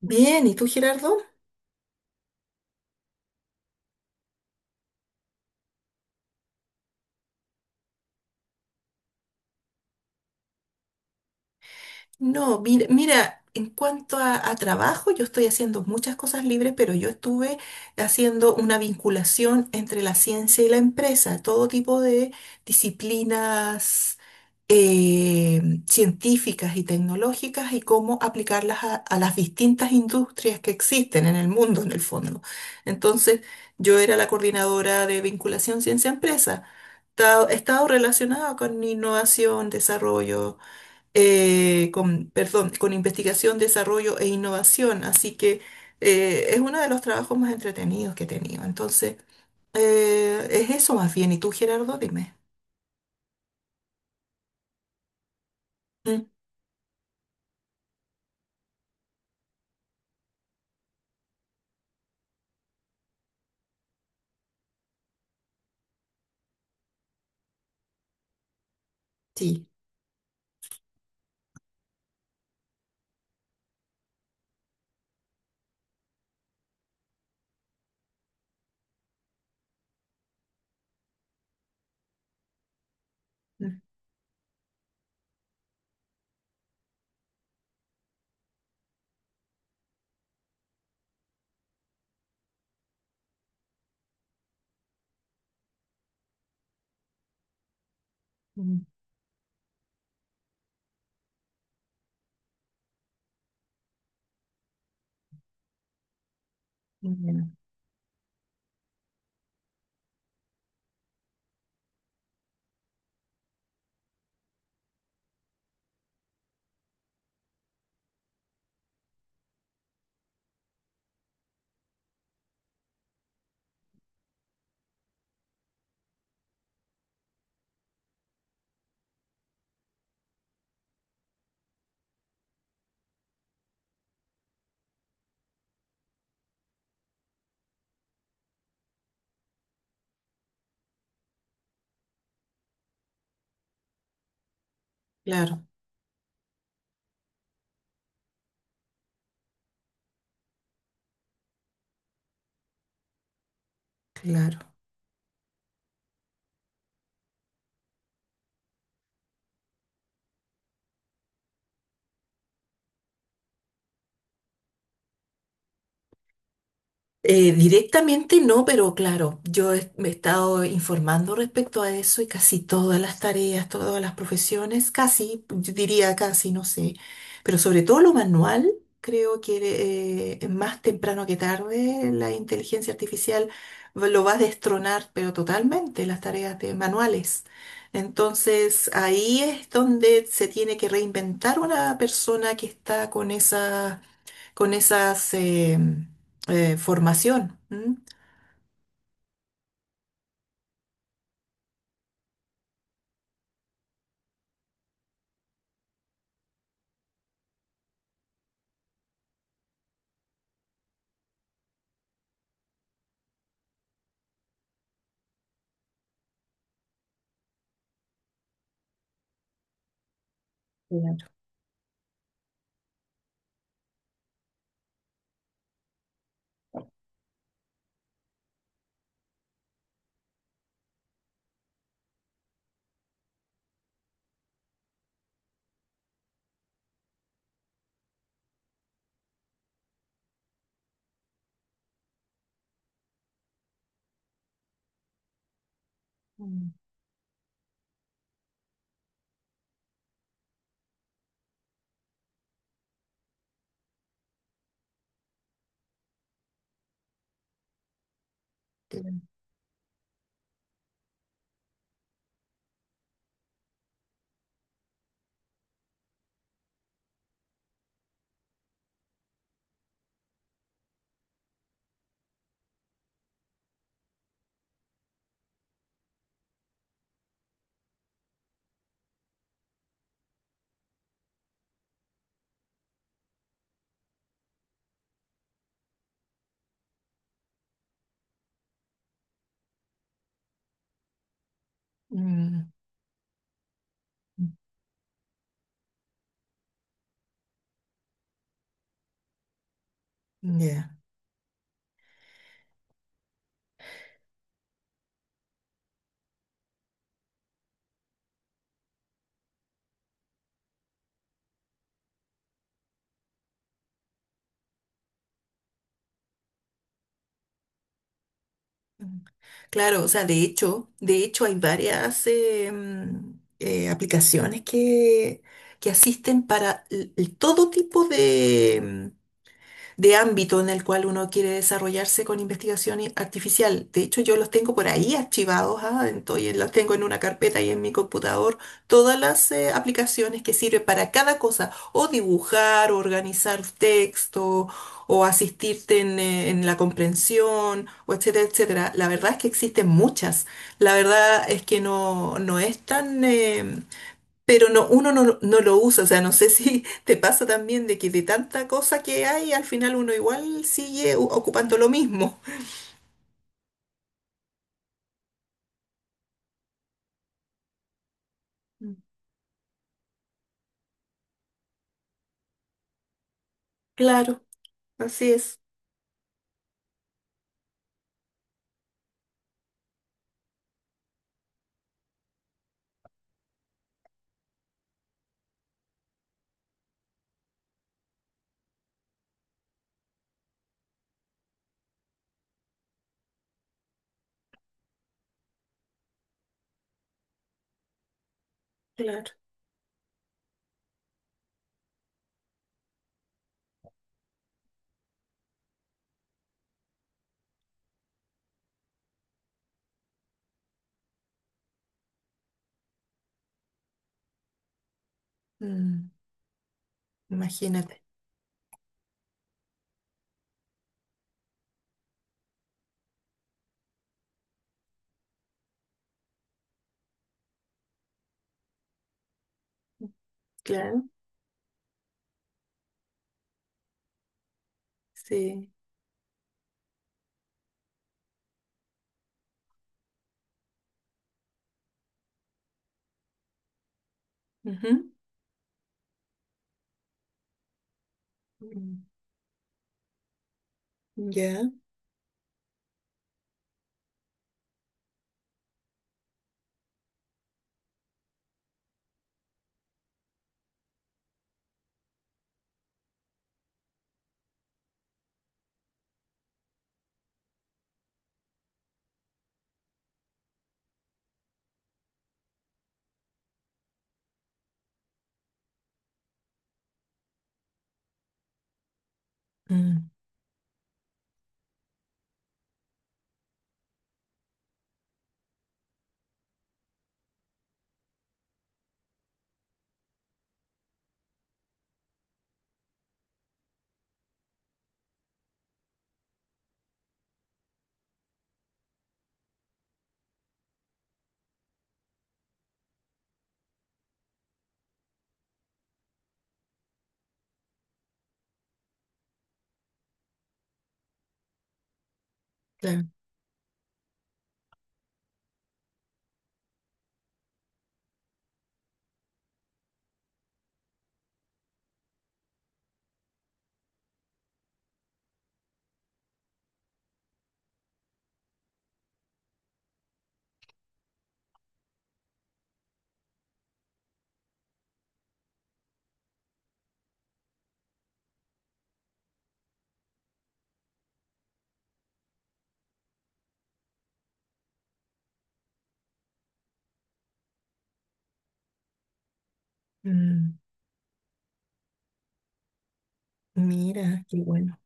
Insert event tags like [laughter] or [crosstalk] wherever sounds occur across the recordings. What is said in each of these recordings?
Bien, ¿y tú, Gerardo? No, mira, en cuanto a trabajo, yo estoy haciendo muchas cosas libres, pero yo estuve haciendo una vinculación entre la ciencia y la empresa, todo tipo de disciplinas eh, científicas y tecnológicas y cómo aplicarlas a las distintas industrias que existen en el mundo, en el fondo. Entonces, yo era la coordinadora de vinculación ciencia-empresa. He estado relacionada con innovación, desarrollo con, perdón, con investigación, desarrollo e innovación. Así que es uno de los trabajos más entretenidos que he tenido. Entonces, es eso más bien. ¿Y tú, Gerardo? Dime. Mm. Sí. Mm, mm, mm. Claro, claro. Directamente no, pero claro, me he estado informando respecto a eso y casi todas las tareas, todas las profesiones, casi, yo diría casi, no sé, pero sobre todo lo manual, creo que más temprano que tarde la inteligencia artificial lo va a destronar, pero totalmente las tareas de manuales. Entonces ahí es donde se tiene que reinventar una persona que está con esa con esas formación. ¿M? Claro. Mm. Claro. Mm, mm, ya. Mm. Claro, o sea, de hecho hay varias aplicaciones que asisten para todo tipo de, de ámbito en el cual uno quiere desarrollarse con investigación artificial. De hecho, yo los tengo por ahí archivados, ah, entonces los tengo en una carpeta y en mi computador, todas las aplicaciones que sirven para cada cosa, o dibujar, o organizar texto, o asistirte en la comprensión, o etcétera, etcétera. La verdad es que existen muchas. La verdad es que no, no es tan... pero no, uno no, no lo usa, o sea, no sé si [laughs] te pasa también de que de tanta cosa que hay, al final uno igual sigue ocupando lo mismo. Mm. Claro, así es, claro. Mm, imagínate, claro, sí. Ujú. Mm. Ya. Mm, claro. Mm, mira, qué bueno.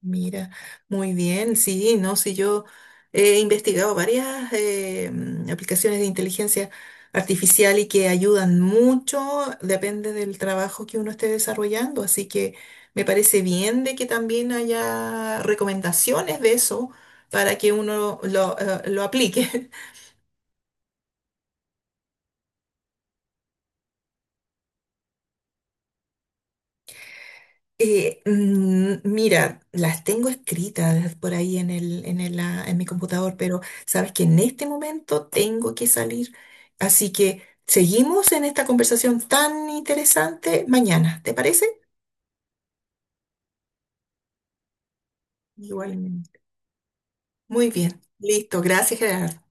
Mira, muy bien, sí, no, sí, yo he investigado varias aplicaciones de inteligencia artificial y que ayudan mucho, depende del trabajo que uno esté desarrollando, así que me parece bien de que también haya recomendaciones de eso para que uno lo aplique. [laughs] Mira, las tengo escritas por ahí en el, ah, en mi computador, pero sabes que en este momento tengo que salir. Así que seguimos en esta conversación tan interesante mañana, ¿te parece? Igualmente. Muy bien. Listo. Gracias, Gerardo.